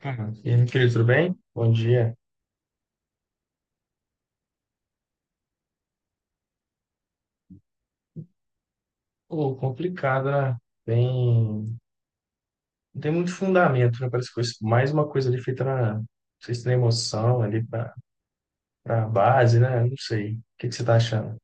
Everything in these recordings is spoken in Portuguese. Ah, e aí, meu querido, tudo bem? Bom dia. Pô, complicado, né? Tem... Não tem muito fundamento, né? Parece mais uma coisa ali feita Não sei se tem emoção ali pra base, né? Não sei. O que que você tá achando?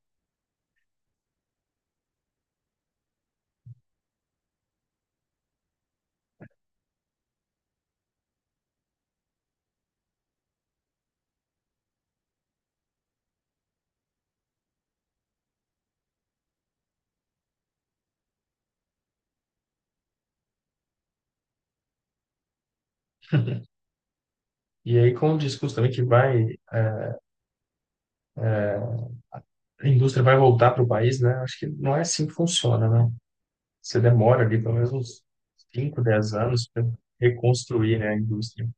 E aí, com o discurso também que vai... é, a indústria vai voltar pro país, né? Acho que não é assim que funciona, né? Você demora ali pelo menos uns 5, 10 anos para reconstruir, né, a indústria.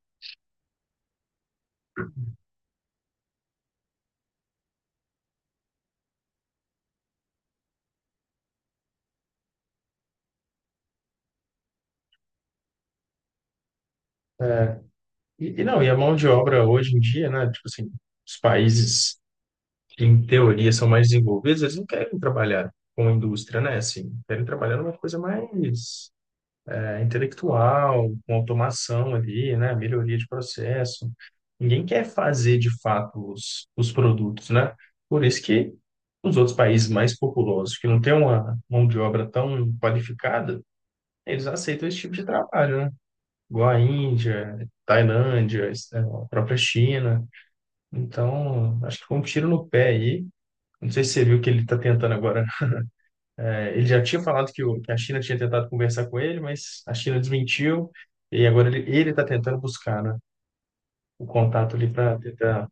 E não, e a mão de obra hoje em dia, né? Tipo assim, os países... que em teoria são mais desenvolvidos, eles não querem trabalhar com indústria, né? Assim, querem trabalhar numa coisa mais intelectual, com automação ali, né? Melhoria de processo. Ninguém quer fazer de fato os produtos, né? Por isso que os outros países mais populosos, que não têm uma mão de obra tão qualificada, eles aceitam esse tipo de trabalho, né? Igual a Índia, Tailândia, a própria China. Então, acho que foi um tiro no pé aí, não sei se você viu que ele está tentando agora. É, ele já tinha falado que, que a China tinha tentado conversar com ele, mas a China desmentiu. E agora ele está tentando buscar, né, o contato ali para tentar.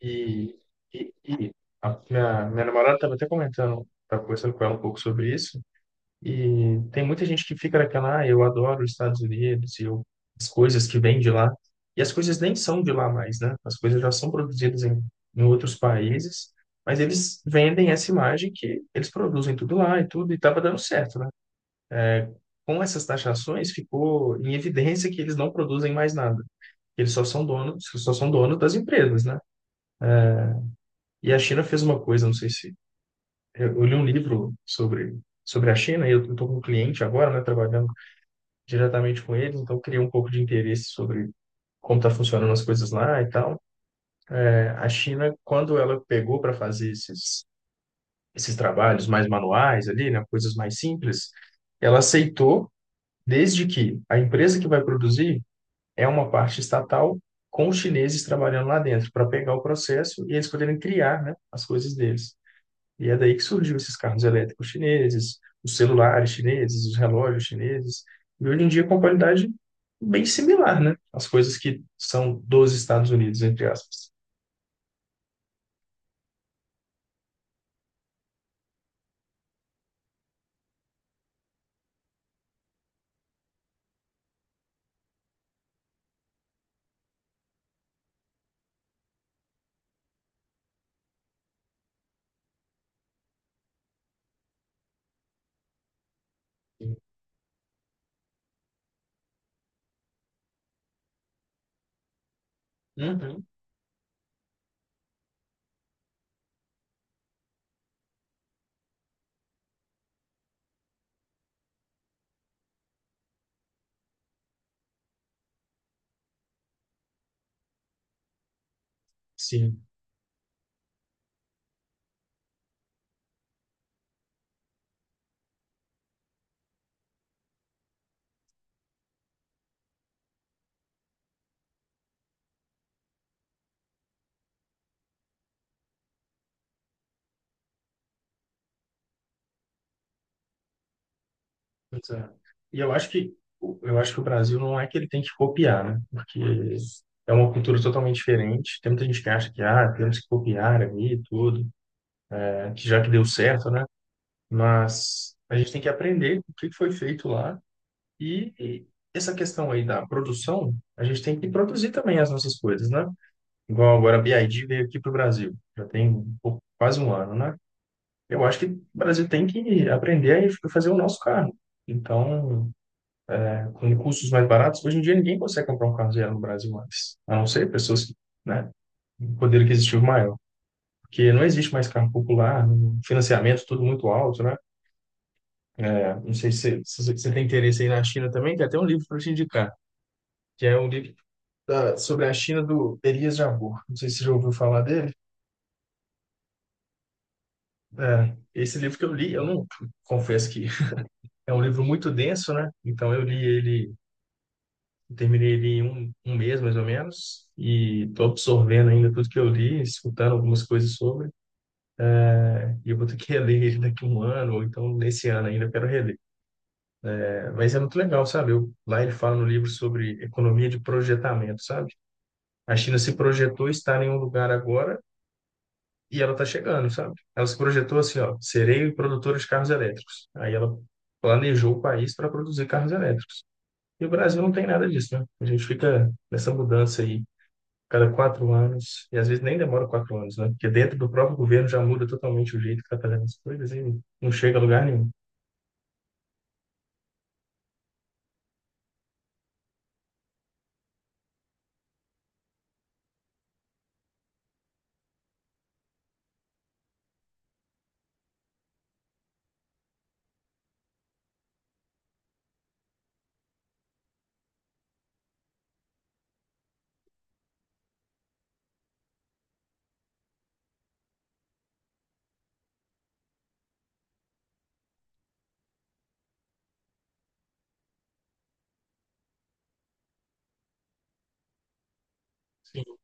E, e a minha namorada estava até comentando, estava conversando com ela um pouco sobre isso. E tem muita gente que fica naquela, ah, eu adoro os Estados Unidos e eu, as coisas que vêm de lá. E as coisas nem são de lá mais, né? As coisas já são produzidas em outros países, mas eles vendem essa imagem que eles produzem tudo lá e tudo, e estava dando certo, né? Com essas taxações, ficou em evidência que eles não produzem mais nada. Eles só são donos das empresas, né? E a China fez uma coisa, não sei se... eu li um livro sobre a China, e eu estou com um cliente agora, né, trabalhando diretamente com eles, então criei um pouco de interesse sobre como está funcionando as coisas lá e tal. É, a China, quando ela pegou para fazer esses trabalhos mais manuais ali, né, coisas mais simples, ela aceitou desde que a empresa que vai produzir é uma parte estatal com os chineses trabalhando lá dentro para pegar o processo e eles poderem criar, né, as coisas deles. E é daí que surgiu esses carros elétricos chineses, os celulares chineses, os relógios chineses, e hoje em dia com qualidade bem similar, né? As coisas que são dos Estados Unidos, entre aspas. Uhum. Sim. Pois é. E eu acho que eu acho que o Brasil não é que ele tem que copiar, né? Porque é uma cultura totalmente diferente. Tem muita gente que acha que ah, temos que copiar ali e tudo, né? Que já que deu certo, né? Mas a gente tem que aprender o que foi feito lá. E essa questão aí da produção, a gente tem que produzir também as nossas coisas, né? Igual agora a BID veio aqui para o Brasil, já tem um quase um ano, né? Eu acho que o Brasil tem que aprender a fazer o nosso carro. Então, é, com recursos mais baratos, hoje em dia ninguém consegue comprar um carro zero no Brasil mais, a não ser pessoas que, né, um poder aquisitivo maior. Porque não existe mais carro popular, um financiamento tudo muito alto, né? É, não sei se se você tem interesse aí na China também, tem até um livro para te indicar, que é um livro sobre a China do Elias Jabbour. Não sei se você já ouviu falar dele. É, esse livro que eu li, eu não, confesso que é um livro muito denso, né? Então eu li ele, terminei ele em um mês mais ou menos, e estou absorvendo ainda tudo que eu li, escutando algumas coisas sobre, e eu vou ter que reler ele daqui a 1 ano, ou então nesse ano ainda eu quero reler. É, mas é muito legal, sabe? Eu, lá ele fala no livro sobre economia de projetamento, sabe? A China se projetou estar em um lugar agora. E ela tá chegando, sabe? Ela se projetou assim, ó, serei produtora de carros elétricos. Aí ela planejou o país para produzir carros elétricos. E o Brasil não tem nada disso, né? A gente fica nessa mudança aí cada 4 anos, e às vezes nem demora 4 anos, né? Porque dentro do próprio governo já muda totalmente o jeito que tá fazendo as coisas e não chega a lugar nenhum. Sim.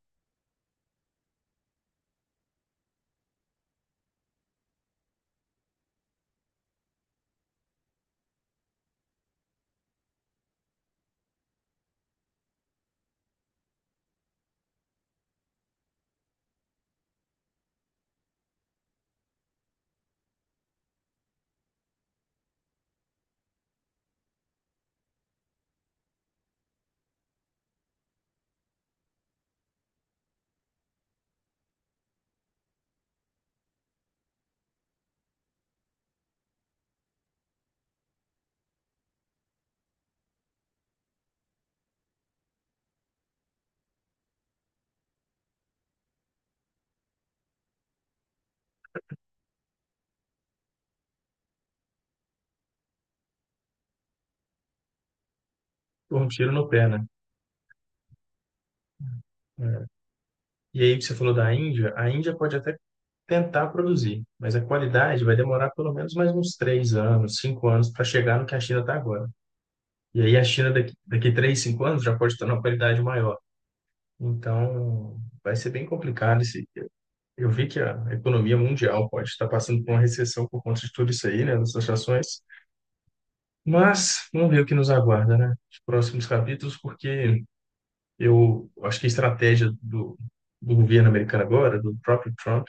Um tiro no pé, né? É. E aí que você falou da Índia, a Índia pode até tentar produzir, mas a qualidade vai demorar pelo menos mais uns 3 anos, 5 anos para chegar no que a China está agora. E aí a China daqui, daqui 3 5 anos já pode estar numa qualidade maior. Então, vai ser bem complicado esse. Eu vi que a economia mundial pode estar passando por uma recessão por conta de tudo isso aí, né, das ações. Mas vamos ver o que nos aguarda, né, os próximos capítulos, porque eu acho que a estratégia do governo americano agora, do próprio Trump,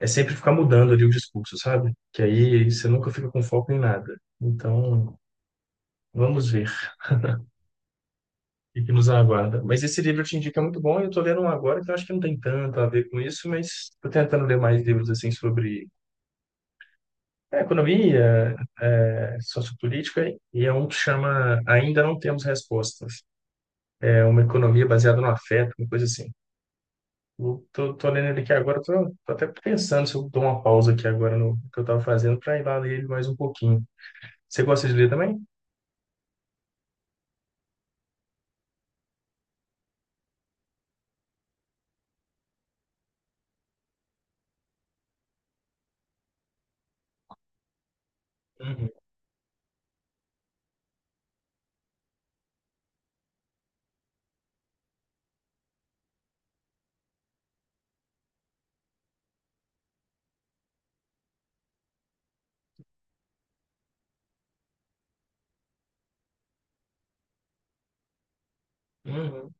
é sempre ficar mudando ali o discurso, sabe? Que aí você nunca fica com foco em nada. Então, vamos ver. E que nos aguarda. Mas esse livro eu te indico é muito bom, e eu estou lendo um agora que eu acho que não tem tanto a ver com isso, mas estou tentando ler mais livros assim sobre economia, sociopolítica, e é um que chama Ainda Não Temos Respostas. É uma economia baseada no afeto, uma coisa assim. Eu tô lendo ele aqui agora, tô até pensando se eu dou uma pausa aqui agora no que eu estava fazendo para ir lá ler ele mais um pouquinho. Você gosta de ler também? Uhum, uhum,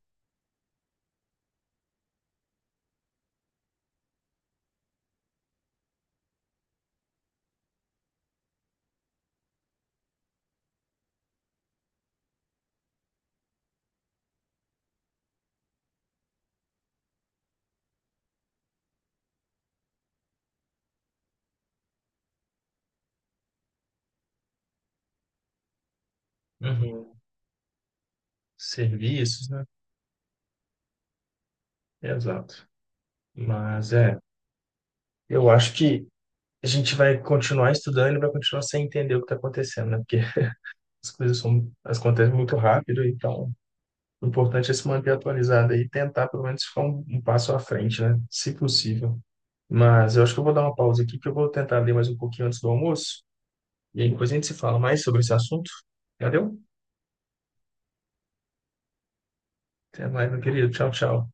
uhum. Serviços, né? Exato. Mas é, eu acho que a gente vai continuar estudando e vai continuar sem entender o que está acontecendo, né? Porque as coisas são, elas acontecem muito rápido, então o importante é se manter atualizado e tentar pelo menos ficar um passo à frente, né? Se possível. Mas eu acho que eu vou dar uma pausa aqui, que eu vou tentar ler mais um pouquinho antes do almoço, e aí depois a gente se fala mais sobre esse assunto. Valeu? Até mais, meu querido. Tchau, tchau.